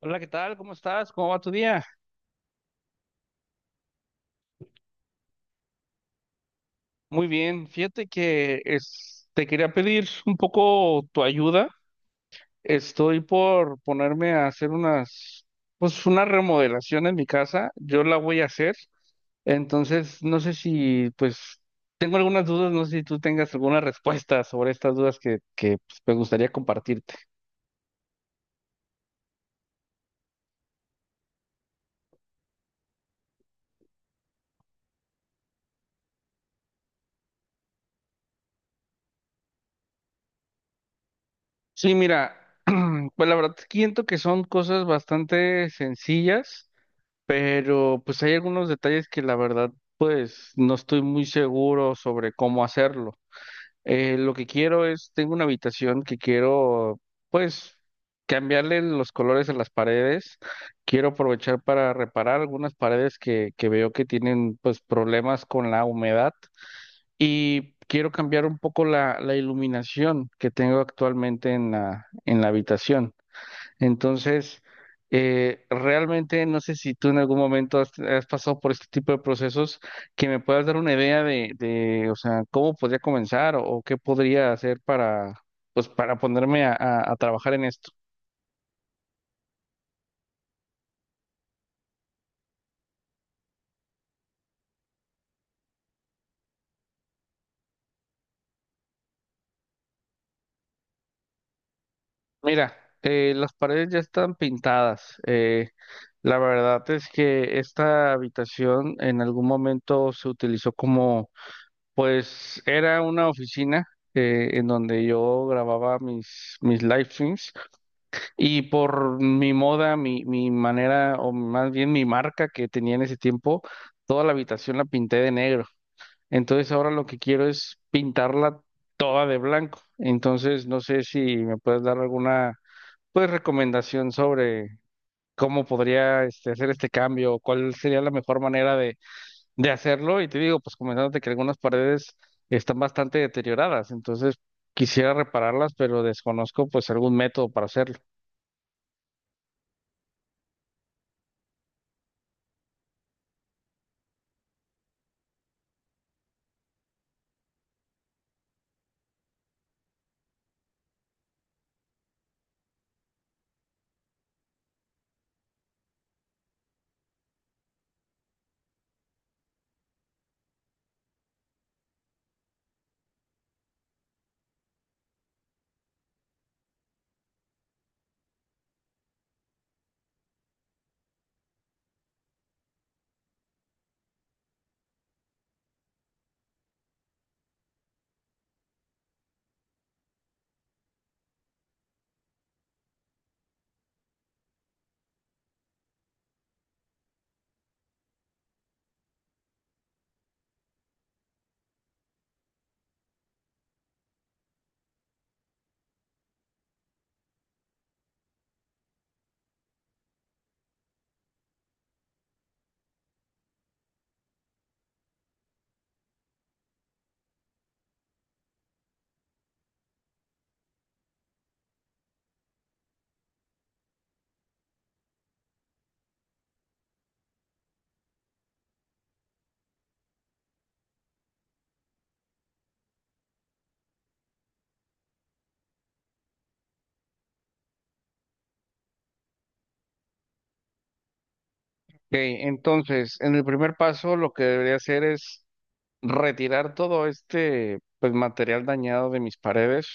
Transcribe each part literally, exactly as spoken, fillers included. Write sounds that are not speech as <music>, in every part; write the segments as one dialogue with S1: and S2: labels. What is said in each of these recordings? S1: Hola, ¿qué tal? ¿Cómo estás? ¿Cómo va tu día? Muy bien. Fíjate que es- te quería pedir un poco tu ayuda. Estoy por ponerme a hacer unas, pues una remodelación en mi casa. Yo la voy a hacer. Entonces, no sé si, pues, tengo algunas dudas, no sé si tú tengas alguna respuesta sobre estas dudas que, que pues, me gustaría compartirte. Sí, mira, <clears throat> pues la verdad siento que son cosas bastante sencillas, pero pues hay algunos detalles que la verdad pues no estoy muy seguro sobre cómo hacerlo. Eh, lo que quiero es, tengo una habitación que quiero pues cambiarle los colores a las paredes, quiero aprovechar para reparar algunas paredes que, que veo que tienen pues problemas con la humedad y quiero cambiar un poco la, la iluminación que tengo actualmente en la, en la habitación. Entonces, eh, realmente no sé si tú en algún momento has, has pasado por este tipo de procesos que me puedas dar una idea de, de, o sea, cómo podría comenzar o, o qué podría hacer para, pues, para ponerme a, a- a trabajar en esto. Mira, eh, las paredes ya están pintadas. Eh, la verdad es que esta habitación en algún momento se utilizó como, pues, era una oficina, eh, en donde yo grababa mis, mis live streams. Y por mi moda, mi, mi manera, o más bien mi marca que tenía en ese tiempo, toda la habitación la pinté de negro. Entonces ahora lo que quiero es pintarla toda de blanco. Entonces no sé si me puedes dar alguna, pues, recomendación sobre cómo podría este, hacer este cambio, o cuál sería la mejor manera de, de hacerlo. Y te digo, pues comentándote que algunas paredes están bastante deterioradas, entonces quisiera repararlas, pero desconozco pues algún método para hacerlo. Ok, entonces, en el primer paso, lo que debería hacer es retirar todo este pues, material dañado de mis paredes.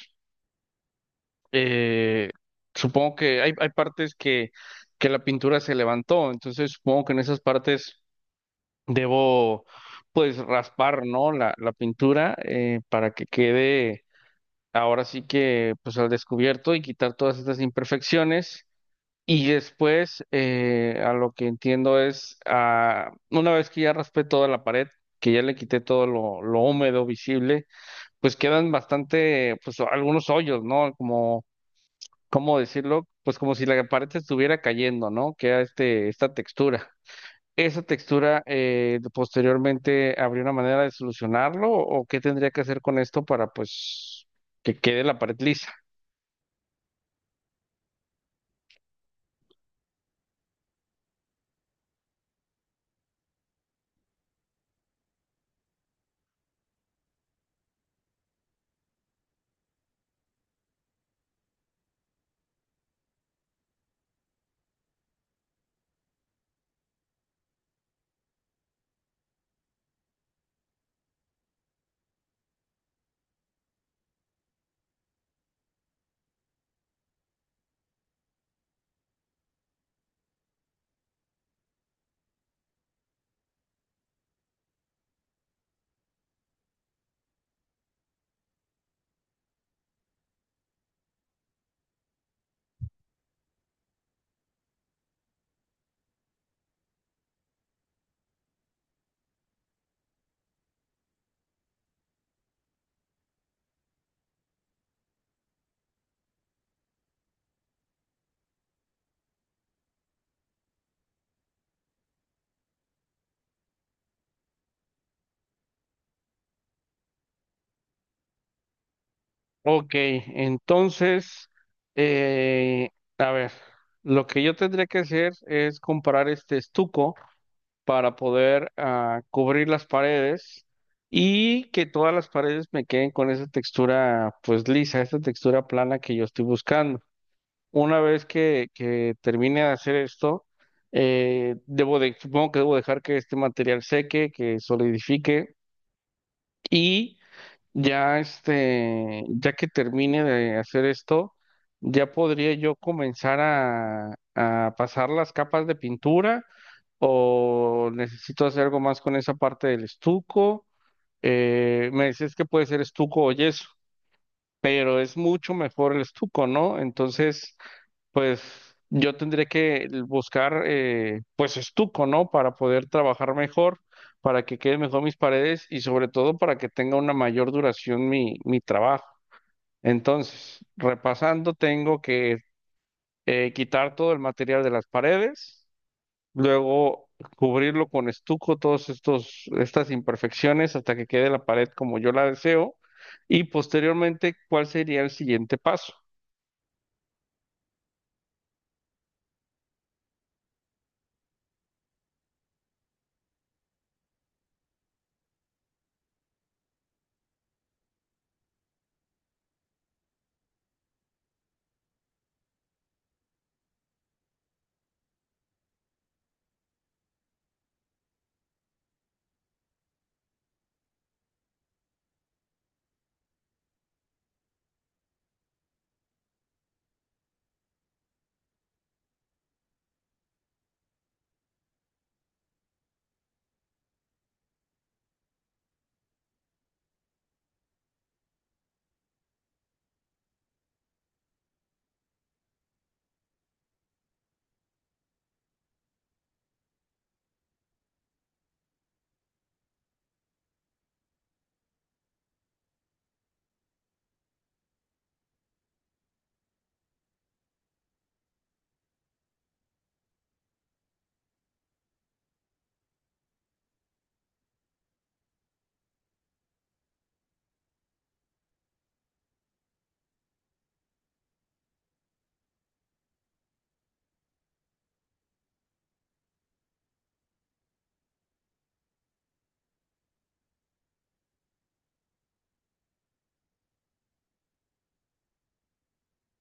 S1: Eh, Supongo que hay, hay partes que, que la pintura se levantó, entonces supongo que en esas partes debo pues raspar, ¿no? La, la pintura eh, para que quede ahora sí que pues al descubierto y quitar todas estas imperfecciones. Y después, eh, a lo que entiendo es, ah, una vez que ya raspé toda la pared, que ya le quité todo lo, lo húmedo visible, pues quedan bastante, pues algunos hoyos, ¿no? Como, ¿cómo decirlo? Pues como si la pared se estuviera cayendo, ¿no? Queda este, esta textura. ¿Esa textura, eh, posteriormente habría una manera de solucionarlo, o qué tendría que hacer con esto para pues que quede la pared lisa? Ok, entonces, eh, a ver, lo que yo tendría que hacer es comprar este estuco para poder, ah, cubrir las paredes y que todas las paredes me queden con esa textura pues lisa, esa textura plana que yo estoy buscando. Una vez que, que termine de hacer esto, eh, debo de, supongo que debo dejar que este material seque, que solidifique, y ya este, ya que termine de hacer esto, ya podría yo comenzar a, a pasar las capas de pintura, o necesito hacer algo más con esa parte del estuco. Eh, me decías que puede ser estuco o yeso, pero es mucho mejor el estuco, ¿no? Entonces, pues yo tendré que buscar, eh, pues estuco, ¿no? Para poder trabajar mejor, para que queden mejor mis paredes y sobre todo para que tenga una mayor duración mi, mi trabajo. Entonces, repasando, tengo que eh, quitar todo el material de las paredes, luego cubrirlo con estuco, todos estos, estas imperfecciones hasta que quede la pared como yo la deseo, y posteriormente, ¿cuál sería el siguiente paso?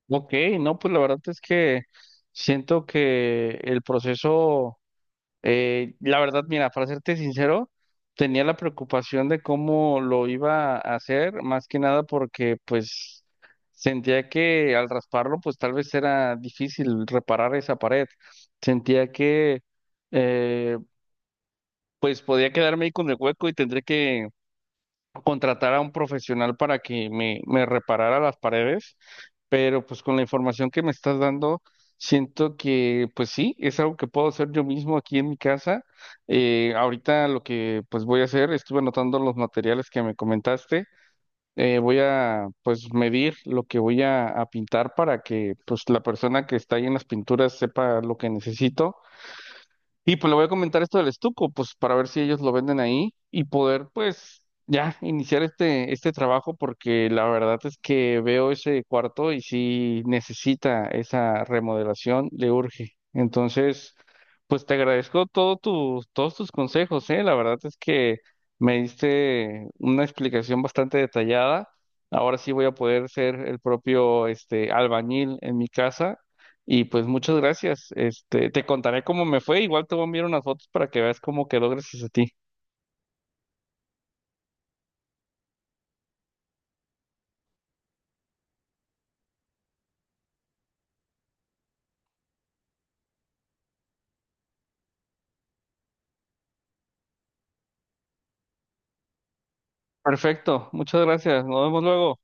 S1: Ok, no, pues la verdad es que siento que el proceso, eh, la verdad, mira, para serte sincero, tenía la preocupación de cómo lo iba a hacer, más que nada porque pues sentía que al rasparlo, pues tal vez era difícil reparar esa pared. Sentía que, eh, pues podía quedarme ahí con el hueco y tendría que contratar a un profesional para que me, me reparara las paredes, pero pues con la información que me estás dando, siento que pues sí, es algo que puedo hacer yo mismo aquí en mi casa. Eh, ahorita lo que pues voy a hacer, estuve anotando los materiales que me comentaste, eh, voy a pues medir lo que voy a, a pintar para que pues la persona que está ahí en las pinturas sepa lo que necesito. Y pues le voy a comentar esto del estuco, pues para ver si ellos lo venden ahí y poder pues ya iniciar este, este trabajo porque la verdad es que veo ese cuarto y si necesita esa remodelación, le urge. Entonces, pues te agradezco todo tu, todos tus consejos, ¿eh? La verdad es que me diste una explicación bastante detallada. Ahora sí voy a poder ser el propio este, albañil en mi casa y pues muchas gracias. Este, te contaré cómo me fue. Igual te voy a enviar unas fotos para que veas cómo quedó gracias a ti. Perfecto, muchas gracias. Nos vemos luego.